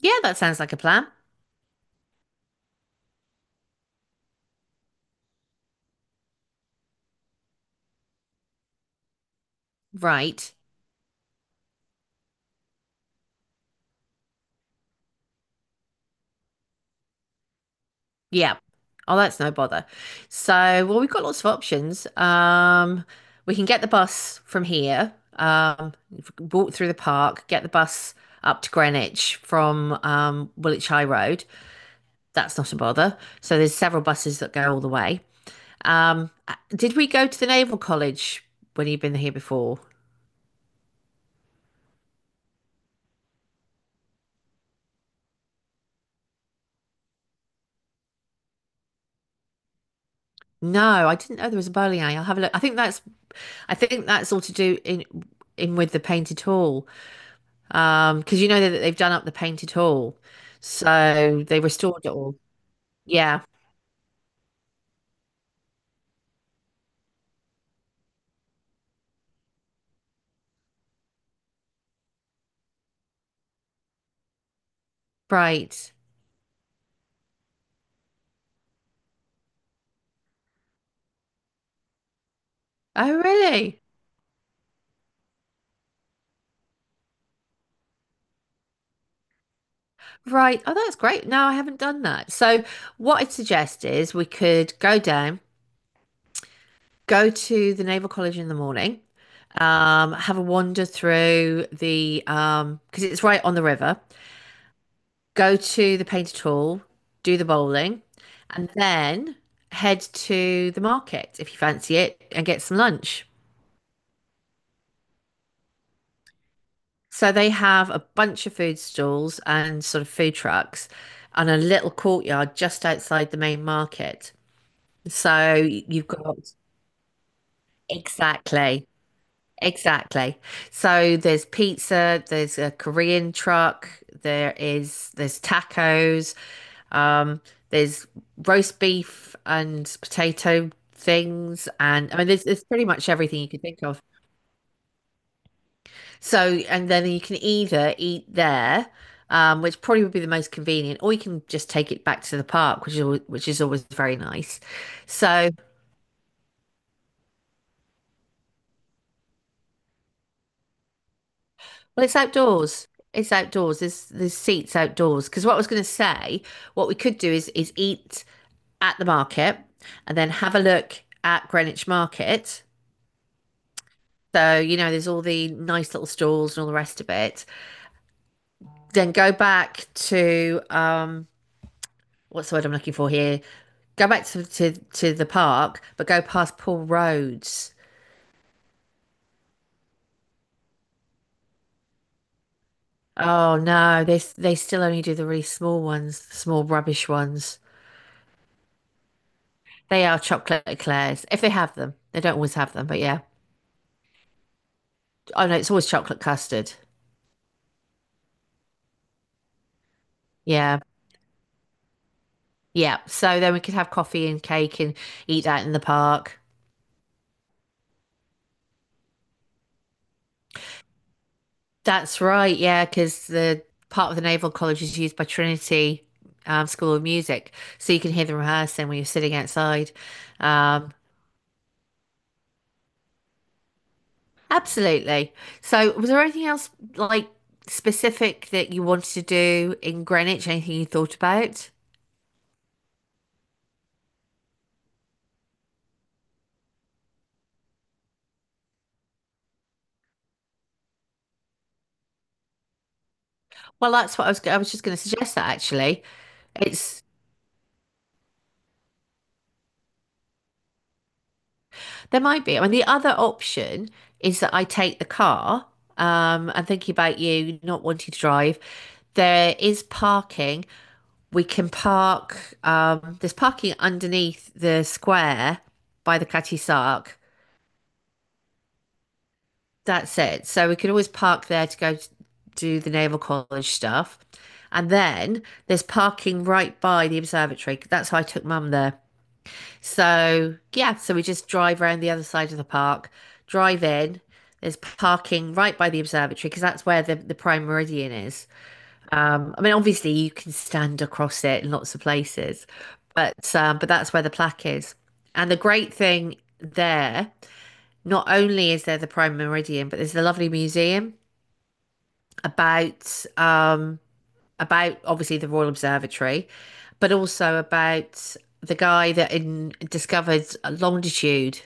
Yeah, that sounds like a plan. Right. Yeah. Oh, that's no bother. So, we've got lots of options. We can get the bus from here, walk through the park, get the bus up to Greenwich from Woolwich High Road. That's not a bother. So there's several buses that go all the way. Did we go to the Naval College when you've been here before? No, I didn't know there was a bowling alley. I'll have a look. I think that's all to do in with the painted hall. Because you know that they've done up the painted hall. So they restored it all. Yeah, right. Oh, really? Right. Oh, that's great. No, I haven't done that. So what I'd suggest is we could go down, go to the Naval College in the morning, have a wander through the because it's right on the river. Go to the painted hall, do the bowling, and then head to the market if you fancy it and get some lunch. So they have a bunch of food stalls and sort of food trucks and a little courtyard just outside the main market. So you've got exactly, exactly. So there's pizza, there's a Korean truck, there's tacos, um, there's roast beef and potato things, and I mean there's pretty much everything you could think of. So, and then you can either eat there, which probably would be the most convenient, or you can just take it back to the park, which is always very nice. So, it's outdoors. It's outdoors. There's seats outdoors. Because what I was going to say, what we could do is eat at the market, and then have a look at Greenwich Market. So, you know, there's all the nice little stalls and all the rest of it. Then go back to what's the word I'm looking for here? Go back to the park, but go past Paul Roads. Oh no, they still only do the really small ones, the small rubbish ones. They are chocolate eclairs if they have them. They don't always have them, but yeah. Oh no, it's always chocolate custard. Yeah, yeah. So then we could have coffee and cake and eat that in the park. That's right, yeah, because the part of the Naval College is used by Trinity School of Music, so you can hear them rehearsing when you're sitting outside. Um, Absolutely. So, was there anything else like specific that you wanted to do in Greenwich? Anything you thought about? Well, that's what I was. I was just going to suggest that actually, it's there might be. I mean, the other option is that I take the car. And thinking about you not wanting to drive, there is parking. We can park. There's parking underneath the square by the Catty Sark. That's it. So we could always park there to go to do the Naval College stuff. And then there's parking right by the observatory. That's how I took mum there. So, yeah, so we just drive around the other side of the park, drive in. There's parking right by the observatory because that's where the prime meridian is. I mean, obviously you can stand across it in lots of places, but that's where the plaque is. And the great thing there, not only is there the prime meridian, but there's the lovely museum about um about obviously the Royal Observatory, but also about the guy that discovered longitude,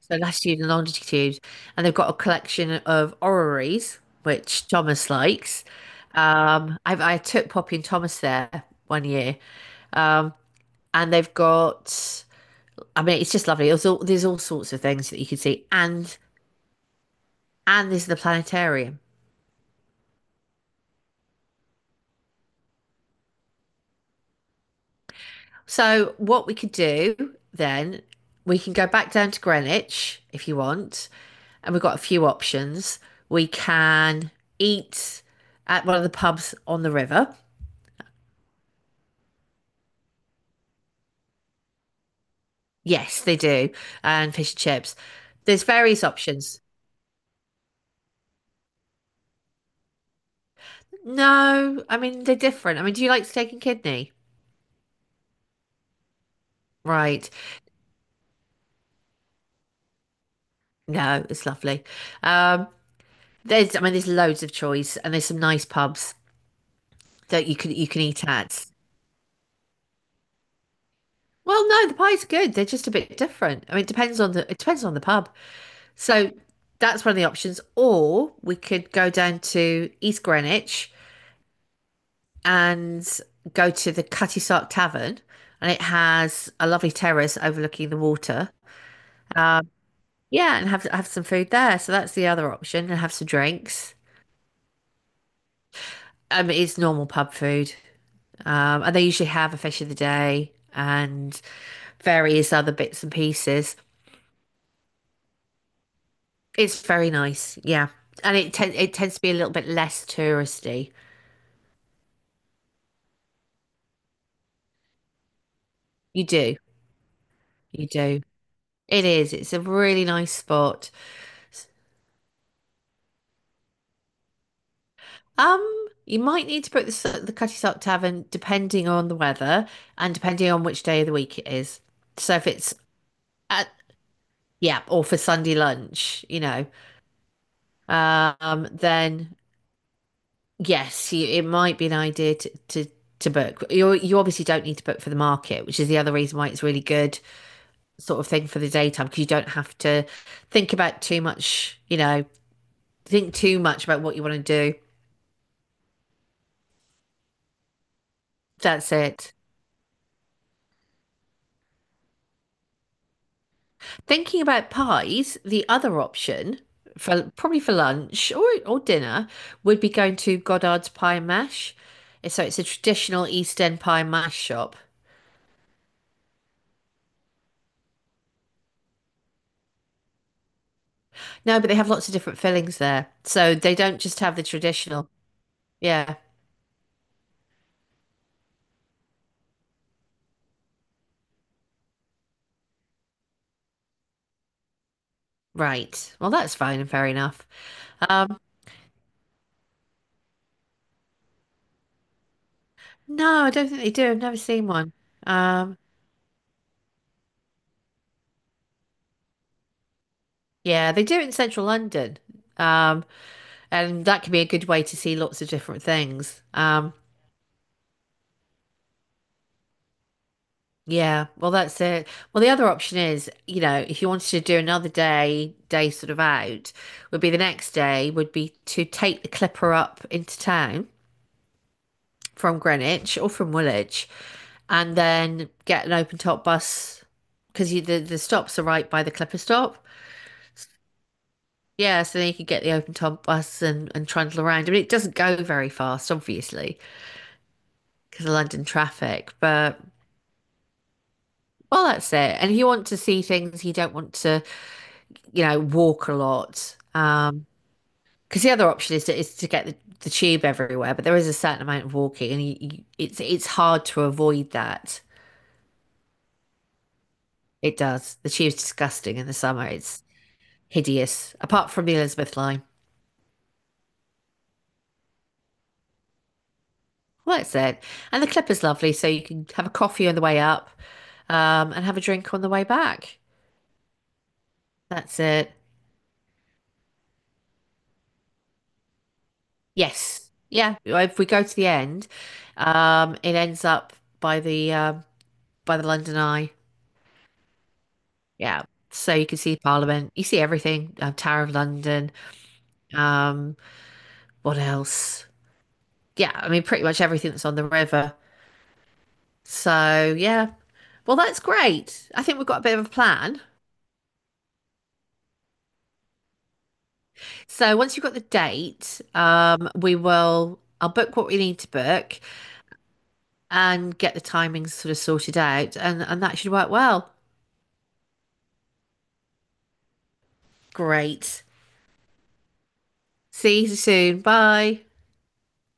so latitude and longitude, and they've got a collection of orreries, which Thomas likes. I took Poppy and Thomas there one year, and they've got. I mean, it's just lovely. There's all sorts of things that you can see, and there's the planetarium. So what we could do then, we can go back down to Greenwich if you want, and we've got a few options. We can eat at one of the pubs on the river. Yes, they do, and fish and chips. There's various options. No, I mean they're different. I mean, do you like steak and kidney? Right. No, it's lovely. Um, there's, I mean, there's loads of choice, and there's some nice pubs that you can eat at. Well, no, the pies are good. They're just a bit different. I mean, it depends on the it depends on the pub. So that's one of the options. Or we could go down to East Greenwich and go to the Cutty Sark Tavern, and it has a lovely terrace overlooking the water. Yeah, and have some food there. So that's the other option, and have some drinks. It's normal pub food, and they usually have a fish of the day and various other bits and pieces. It's very nice, yeah. And it tends to be a little bit less touristy. You do, you do. It is. It's a really nice spot. You might need to book the Cutty Sark Tavern depending on the weather and depending on which day of the week it is. So if it's at Yeah, or for Sunday lunch, you know, then yes, it might be an idea to book. You obviously don't need to book for the market, which is the other reason why it's really good sort of thing for the daytime because you don't have to think about too much, you know, think too much about what you want to do. That's it. Thinking about pies, the other option for probably for lunch or dinner would be going to Goddard's Pie and Mash. So it's a traditional East End pie and mash shop. No, but they have lots of different fillings there. So they don't just have the traditional. Yeah, right. Well, that's fine and fair enough. Um, no, I don't think they do. I've never seen one. Um, Yeah, they do it in central London. Um, and that can be a good way to see lots of different things. Yeah, well, that's it. Well, the other option is, you know, if you wanted to do another day, day sort of out, would be the next day, would be to take the Clipper up into town from Greenwich or from Woolwich and then get an open top bus because the stops are right by the Clipper stop. Yeah, so then you could get the open top bus and, trundle around. I mean, it doesn't go very fast, obviously, because of London traffic. But well, that's it. And if you want to see things, you don't want to, you know, walk a lot. Because the other option is to get the tube everywhere, but there is a certain amount of walking, and it's hard to avoid that. It does. The tube's disgusting in the summer. It's hideous, apart from the Elizabeth line. Well, that's it. And the Clipper's lovely, so you can have a coffee on the way up, and have a drink on the way back. That's it. Yes. Yeah. If we go to the end, it ends up by the um by the London Eye. Yeah. So you can see Parliament, you see everything, Tower of London, um, what else? Yeah, I mean pretty much everything that's on the river. So yeah. Well, that's great. I think we've got a bit of a plan. So once you've got the date, we will I'll book what we need to book and get the timings sort of sorted out and, that should work well. Great. See you soon. Bye.